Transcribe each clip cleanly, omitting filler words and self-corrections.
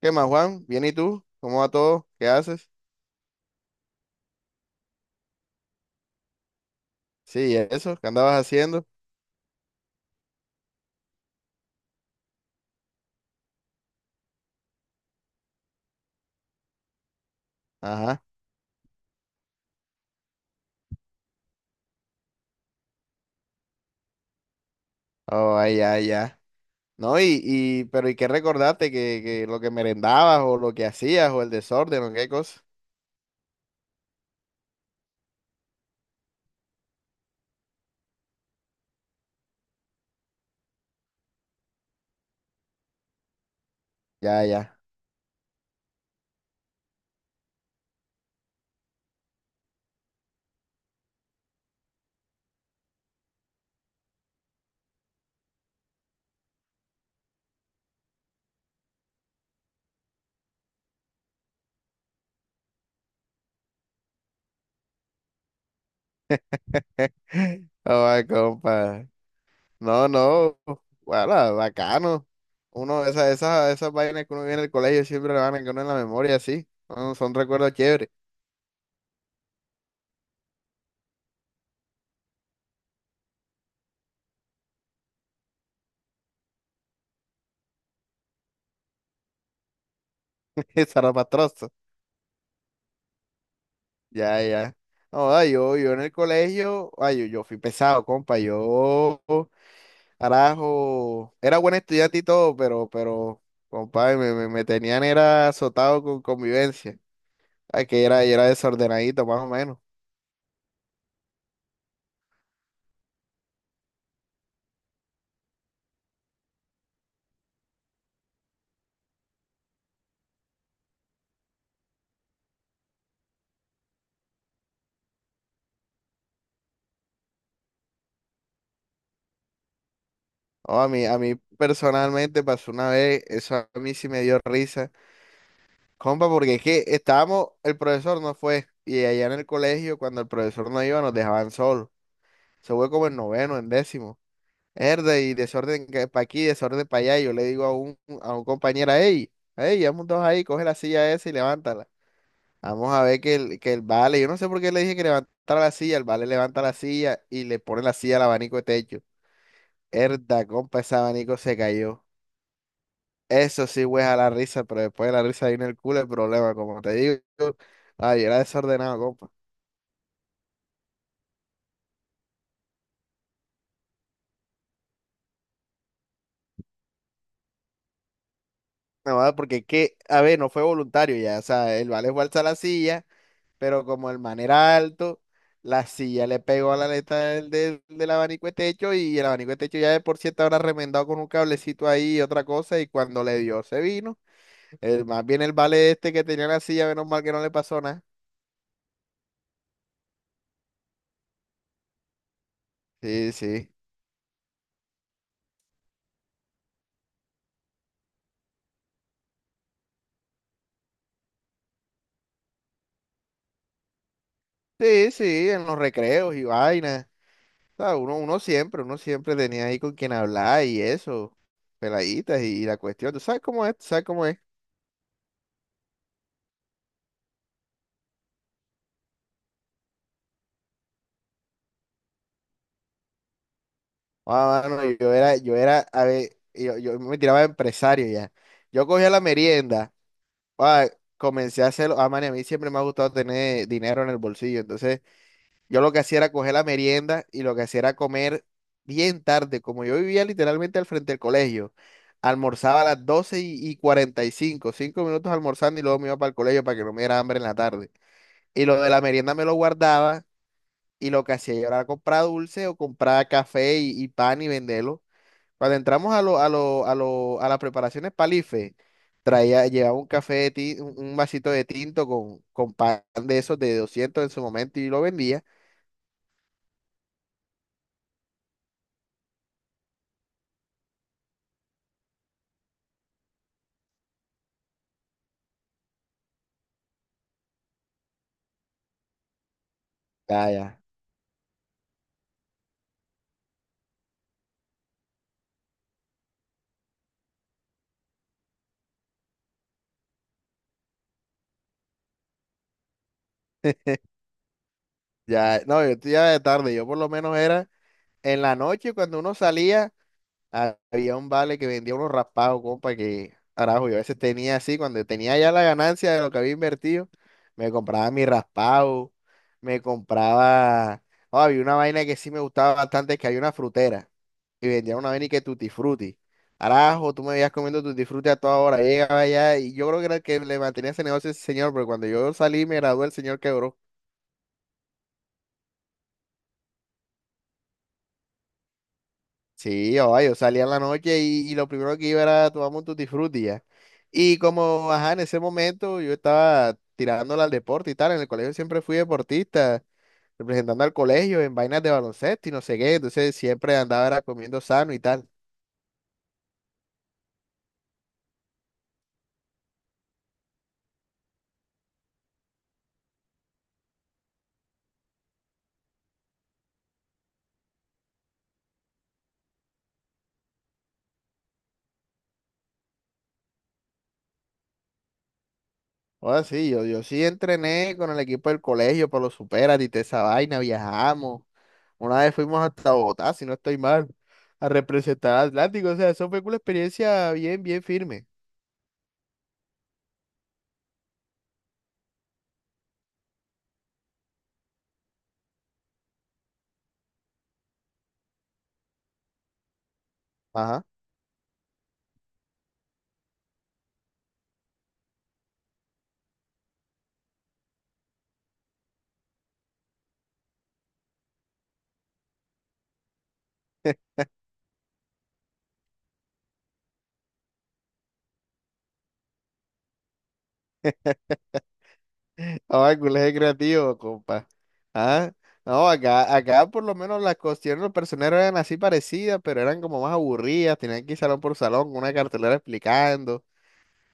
¿Qué más, Juan? ¿Bien y tú? ¿Cómo va todo? ¿Qué haces? Sí, eso, ¿qué andabas haciendo? Ajá. Oh, ay, ya, ya. No, pero ¿y qué recordaste? ¿Que lo que merendabas o lo que hacías o el desorden o qué cosa? Ya, ya. Oh, ay, compa. No, no. Bueno, bacano. Uno, esas vainas que uno viene en el colegio siempre le van a quedar uno en la memoria, sí. Son recuerdos chéveres. Zarapastrosos. Ya, ya. No, ah, yo en el colegio, ay, yo fui pesado, compa. Yo, carajo, era buen estudiante y todo, compa, me tenían era azotado con convivencia. Ay, que era desordenadito, más o menos. No, a mí personalmente pasó una vez, eso a mí sí me dio risa, compa, porque es que estábamos, el profesor no fue, y allá en el colegio, cuando el profesor no iba, nos dejaban solos. Se fue como en noveno, en décimo. Herda y desorden para aquí, desorden para allá. Y yo le digo a un compañero, hey, hey, vamos dos ahí, coge la silla esa y levántala. Vamos a ver que el vale, yo no sé por qué le dije que levantara la silla, el vale levanta la silla y le pone la silla al abanico de techo. Herda, compa, ese abanico se cayó. Eso sí, a la risa, pero después de la risa viene el culo el problema, como te digo. Ay, yo era desordenado, compa. No, ah, porque que, a ver, no fue voluntario ya, o sea, el vale fue a alzar la silla. Pero como el man era alto, la silla le pegó a la aleta del abanico de techo y el abanico de techo ya de por sí estaba remendado con un cablecito ahí y otra cosa y cuando le dio se vino. El, más bien el vale este que tenía la silla, menos mal que no le pasó nada. Sí, sí. Sí, sí, en los recreos y vainas. O sea, uno siempre tenía ahí con quien hablar y eso, peladitas y, la cuestión. ¿Tú sabes cómo es? ¿Tú sabes cómo es? Ah, mano, a ver, yo me tiraba de empresario ya. Yo cogía la merienda, ah, comencé a hacerlo. Ah, man, y a mí siempre me ha gustado tener dinero en el bolsillo. Entonces, yo lo que hacía era coger la merienda y lo que hacía era comer bien tarde. Como yo vivía literalmente al frente del colegio, almorzaba a las 12 y 45, 5 minutos almorzando y luego me iba para el colegio para que no me diera hambre en la tarde. Y lo de la merienda me lo guardaba y lo que hacía yo era comprar dulce o comprar café y pan y venderlo. Cuando entramos a las preparaciones palife, llevaba un café un vasito de tinto con pan de esos de 200 en su momento y lo vendía. Ya, ya, ya, no, yo estoy ya de tarde, yo por lo menos era en la noche cuando uno salía, había un vale que vendía unos raspados, compa, que, carajo, yo a veces tenía así, cuando tenía ya la ganancia de lo que había invertido, me compraba mi raspado, me compraba, oh, había una vaina que sí me gustaba bastante, que había una frutera. Y vendían una vaina y que Tutti Frutti. Carajo, tú me veías comiendo Tutti Frutti a toda hora, llegaba allá y yo creo que era el que le mantenía ese negocio ese señor, pero cuando yo salí me gradué, el señor quebró. Sí, oh, yo salía en la noche y lo primero que iba era tomamos un Tutti Frutti ya. Y como, ajá, en ese momento yo estaba tirándole al deporte y tal, en el colegio siempre fui deportista, representando al colegio en vainas de baloncesto y no sé qué, entonces siempre andaba era comiendo sano y tal. Ahora sí, yo sí entrené con el equipo del colegio para los superas y toda esa vaina, viajamos. Una vez fuimos hasta Bogotá, si no estoy mal, a representar a Atlántico. O sea, eso fue una experiencia bien, bien firme. Ajá. Ahora, el colegio creativo, compa. Ah, no, acá, acá por lo menos las cuestiones de los personeros eran así parecidas, pero eran como más aburridas, tenían que ir salón por salón con una cartelera explicando.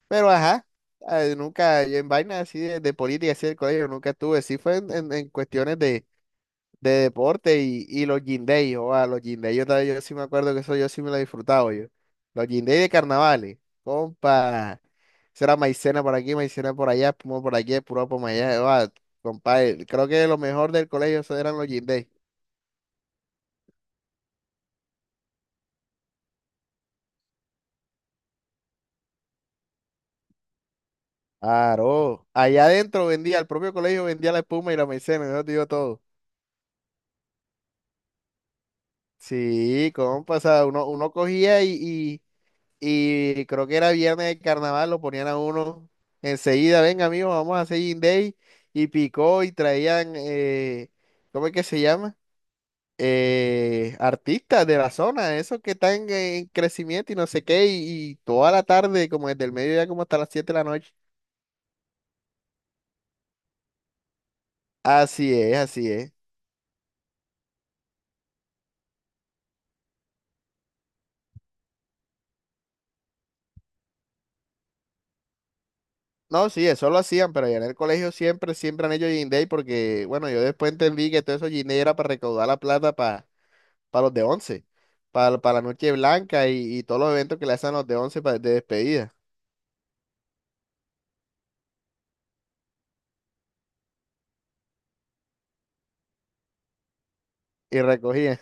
Pero ajá, nunca, yo en vainas así de política así del colegio nunca estuve, sí fue en cuestiones de deporte y los guindey, o a los guindey, yo, yo sí me acuerdo que eso yo sí me lo he disfrutado yo. Los guindey de carnavales, compa, eso era maicena por aquí, maicena por allá, espuma por aquí, puro por allá, oa, compa, creo que lo mejor del colegio eso eran los guindey. Claro, allá adentro vendía, el propio colegio vendía la espuma y la maicena, yo te digo todo. Sí, compa, o sea, uno cogía y Y creo que era viernes de carnaval, lo ponían a uno enseguida, venga amigos, vamos a hacer Gin Day. Y picó y traían, ¿cómo es que se llama? Artistas de la zona, esos que están en crecimiento y no sé qué, y toda la tarde, como desde el mediodía como hasta las 7 de la noche. Así es, así es. No, sí, eso lo hacían, pero allá en el colegio siempre, siempre han hecho Gin Day porque, bueno, yo después entendí que todo eso Gin Day era para recaudar la plata para los de once, para la Noche Blanca y todos los eventos que le hacen a los de once para, de despedida. Y recogían.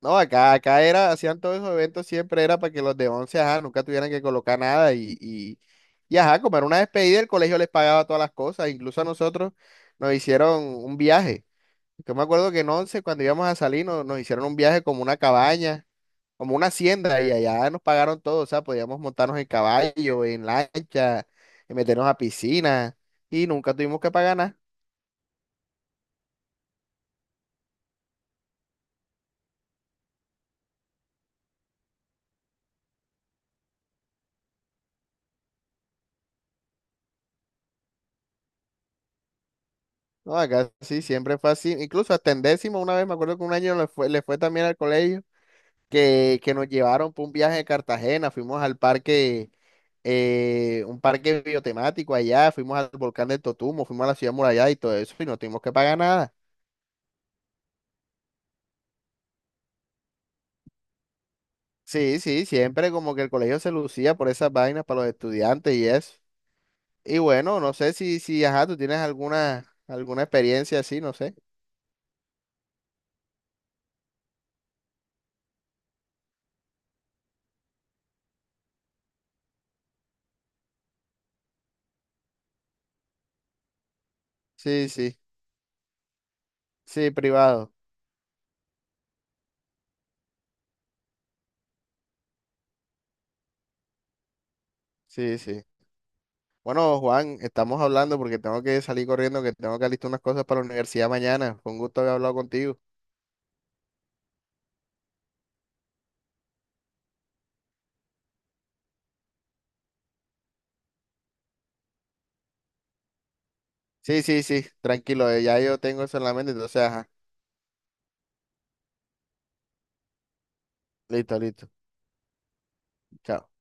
No, acá era, hacían todos esos eventos, siempre era para que los de once, ajá, nunca tuvieran que colocar nada y ajá, como era una despedida, el colegio les pagaba todas las cosas, incluso a nosotros nos hicieron un viaje. Yo me acuerdo que en once, cuando íbamos a salir, nos hicieron un viaje como una cabaña como una hacienda y allá nos pagaron todo, o sea, podíamos montarnos en caballo, en lancha, y meternos a piscina y nunca tuvimos que pagar nada. No, acá sí, siempre fue así. Incluso hasta en décimo, una vez me acuerdo que un año le fue también al colegio, que nos llevaron por un viaje a Cartagena, fuimos al parque, un parque biotemático allá, fuimos al volcán del Totumo, fuimos a la ciudad murallada y todo eso, y no tuvimos que pagar nada. Sí, sí, siempre como que el colegio se lucía por esas vainas para los estudiantes y eso. Y bueno, no sé si, si, ajá, tú tienes alguna experiencia así, no sé. Sí, sí, sí, privado. Sí, sí. Bueno, Juan, estamos hablando porque tengo que salir corriendo, que tengo que alistar unas cosas para la universidad mañana. Fue un gusto haber hablado contigo. Sí, sí, sí, tranquilo, ya yo tengo eso en la mente, entonces, ajá, listo, listo. Chao.